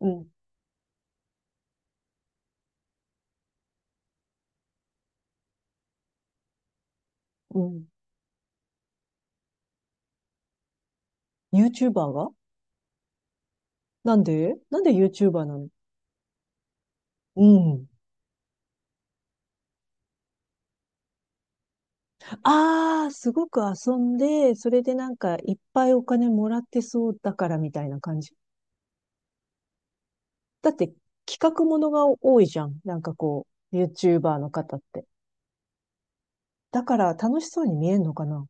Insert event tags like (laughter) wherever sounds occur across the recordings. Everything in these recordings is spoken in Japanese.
うん、うん。YouTuber がなんで YouTuber なの？うん。ああ、すごく遊んで、それでなんかいっぱいお金もらってそうだからみたいな感じ。だって企画ものが多いじゃん。なんかこう、YouTuber の方って。だから楽しそうに見えんのかな？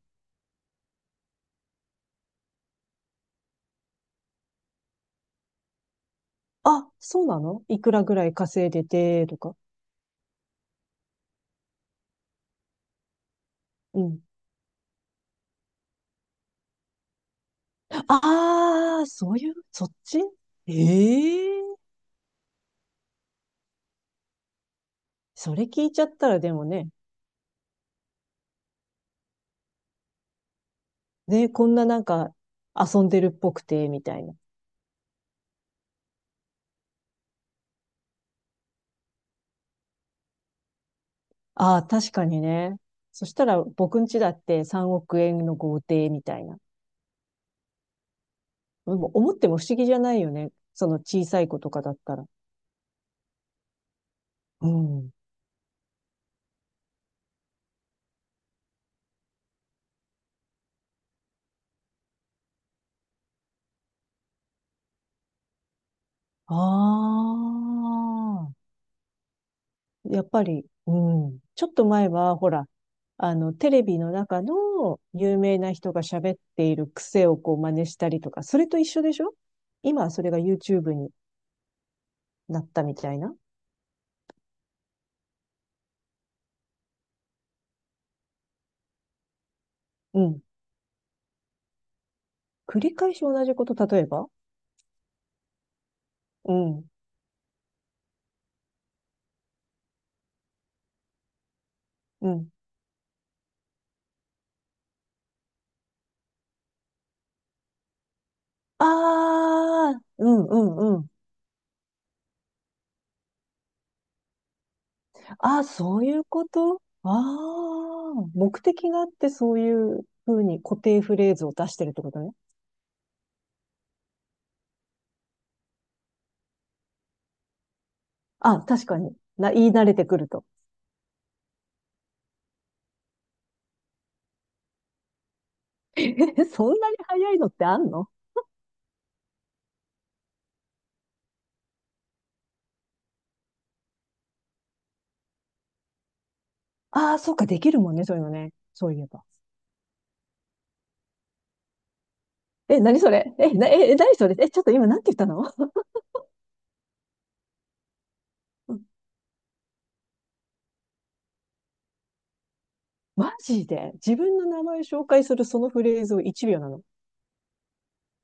あ、そうなの？いくらぐらい稼いでて、とか。うん。ああ、そういう、そっち？ええー、それ聞いちゃったらでもね、ね、こんななんか遊んでるっぽくて、みたいな。ああ、確かにね。そしたら僕ん家だって3億円の豪邸みたいな。でも思っても不思議じゃないよね。その小さい子とかだったら。うん。ああ、やっぱり、うん。ちょっと前は、ほら、テレビの中の有名な人が喋っている癖をこう真似したりとか、それと一緒でしょ？今はそれが YouTube になったみたいな。うん。繰り返し同じこと、例えば？うん、うん。ああ、うん、うん、うん。ああ、そういうこと？ああ、目的があってそういうふうに固定フレーズを出してるってことね。あ、確かに。言い慣れてくると。(laughs) え、そんなに早いのってあんの？ああ、そうか、できるもんね、そういうのね。そういえば。え、何それえ、な、え、え何それえ、ちょっと今なんて言ったの？ (laughs) マジで自分の名前を紹介するそのフレーズを1秒なの？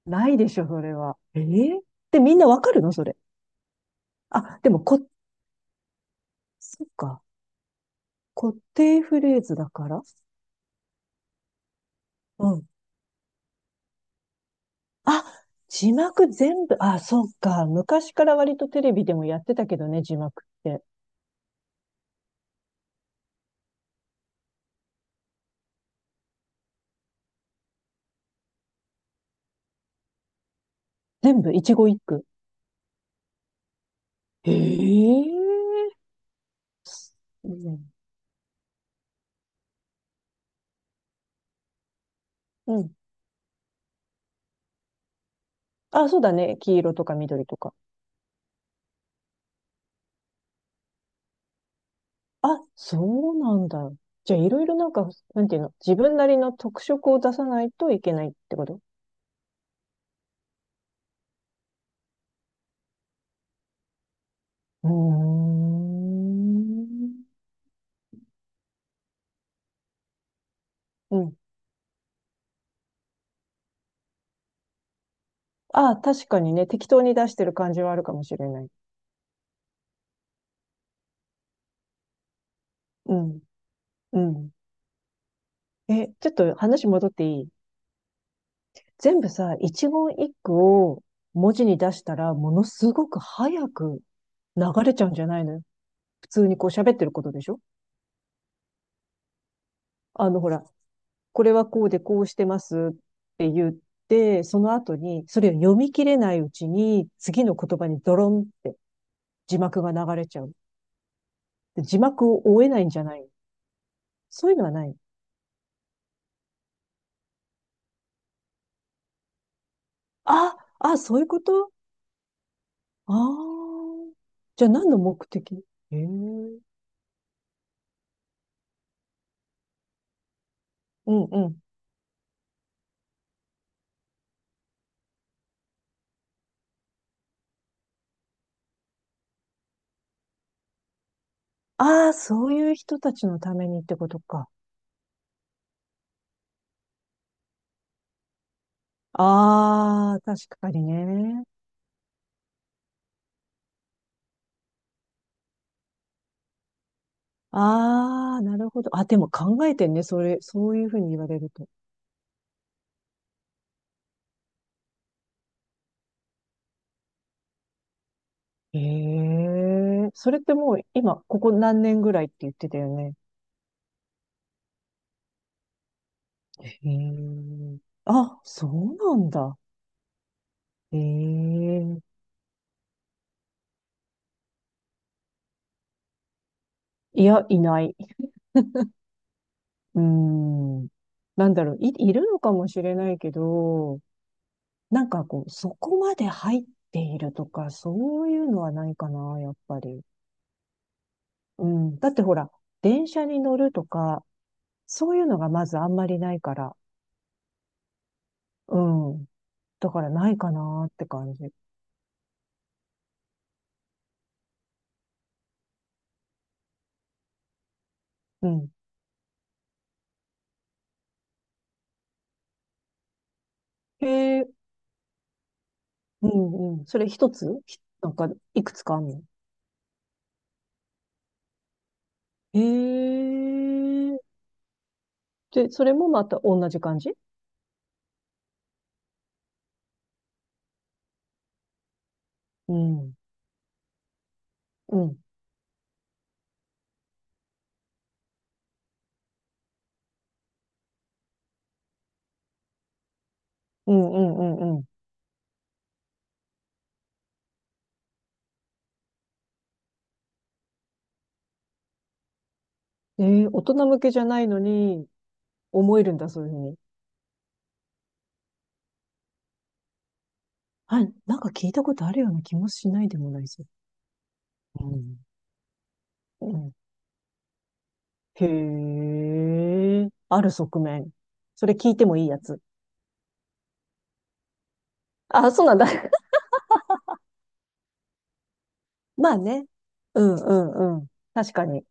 ないでしょ、それは。ええ。で、みんなわかるの？それ。あ、でもそっか。固定フレーズだから。うん。あ、字幕全部、あ、そっか。昔から割とテレビでもやってたけどね、字幕って。全部、一語一句。ええ。うん。うん。あ、そうだね。黄色とか緑とか。あ、そうなんだ。じゃあ、いろいろなんか、なんていうの、自分なりの特色を出さないといけないってこと？うーん。うん。ああ、確かにね、適当に出してる感じはあるかもしれない。うん、うん。え、ちょっと話戻っていい？全部さ、一言一句を文字に出したら、ものすごく早く流れちゃうんじゃないのよ。普通にこう喋ってることでしょ？ほら、これはこうでこうしてますって言って、その後に、それを読み切れないうちに、次の言葉にドロンって字幕が流れちゃう。で字幕を追えないんじゃないの？そういうのはない？あ、あ、そういうこと？ああ。じゃあ何の目的？ええ、うんうん。ああ、そういう人たちのためにってことか。ああ、確かにね。ああ、なるほど。あ、でも考えてんね。それ、そういうふうに言われると。ええ、それってもう今、ここ何年ぐらいって言ってたよね？ええ、あ、そうなんだ。ええ、いや、いない。うーん。なんだろう、いるのかもしれないけど、なんかこう、そこまで入っているとか、そういうのはないかな、やっぱり。うん。だってほら、電車に乗るとか、そういうのがまずあんまりないから。うん。だからないかなって感じ。うん。へえ、うんうん。それ一つなんか、いくつかあんの？へえ。で、それもまた同じ感じ？うん。うん。うんうんうんうん。大人向けじゃないのに、思えるんだ、そういうふうに。はい、なんか聞いたことあるような気もしないでもないですよ。うん。うん。へえ、ある側面？それ聞いてもいいやつ？あ、そうなんだ。(laughs) まあね。うんうんうん。確かに。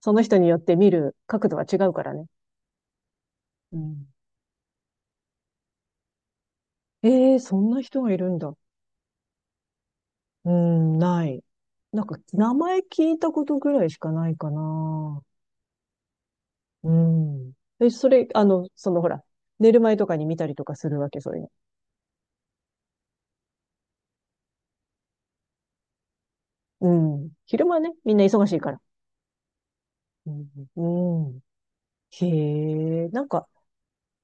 その人によって見る角度は違うからね。うん。ええ、そんな人がいるんだ。うん、ない。なんか、名前聞いたことぐらいしかないかな。うん。え、それ、そのほら、寝る前とかに見たりとかするわけ、そういうの。うん。昼間ね、みんな忙しいから。うん。うん。へえ、なんか、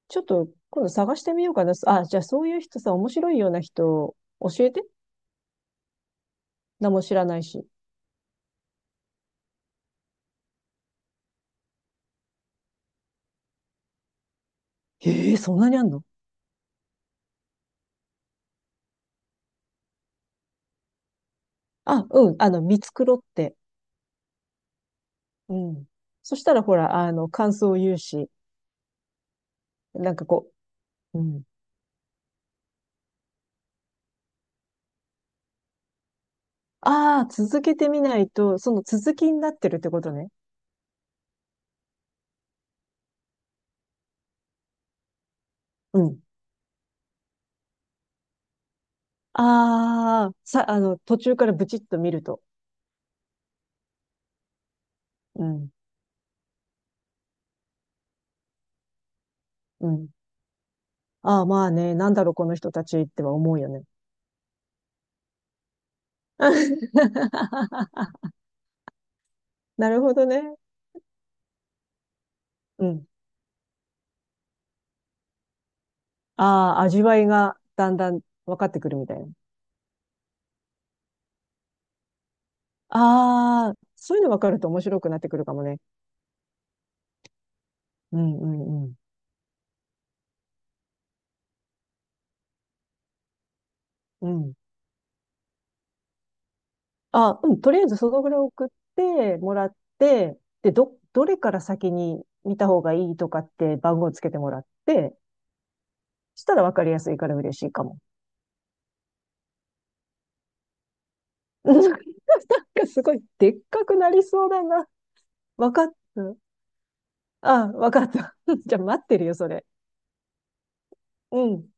ちょっと今度探してみようかな。あ、じゃあそういう人さ、面白いような人、教えて。何も知らないし。へえ、そんなにあんの？あ、うん、見繕って。うん。そしたらほら、感想を言うし、なんかこう、うん。ああ、続けてみないと、その続きになってるってことね。うん。ああ、さ、あの、途中からブチッと見ると。うん。うん。ああ、まあね、なんだろう、この人たちっては思うよね。(laughs) なるほどね。うん。ああ、味わいがだんだん分かってくるみたいな。ああ、そういうの分かると面白くなってくるかもね。うん、うん、うん。うん。あ、うん、とりあえずそのぐらい送ってもらって、で、どれから先に見た方がいいとかって番号つけてもらって、したら分かりやすいから嬉しいかも。(laughs) うん。なんかすごいでっかくなりそうだな。分かった。あ、分かった。(laughs) じゃあ待ってるよ、それ。うん。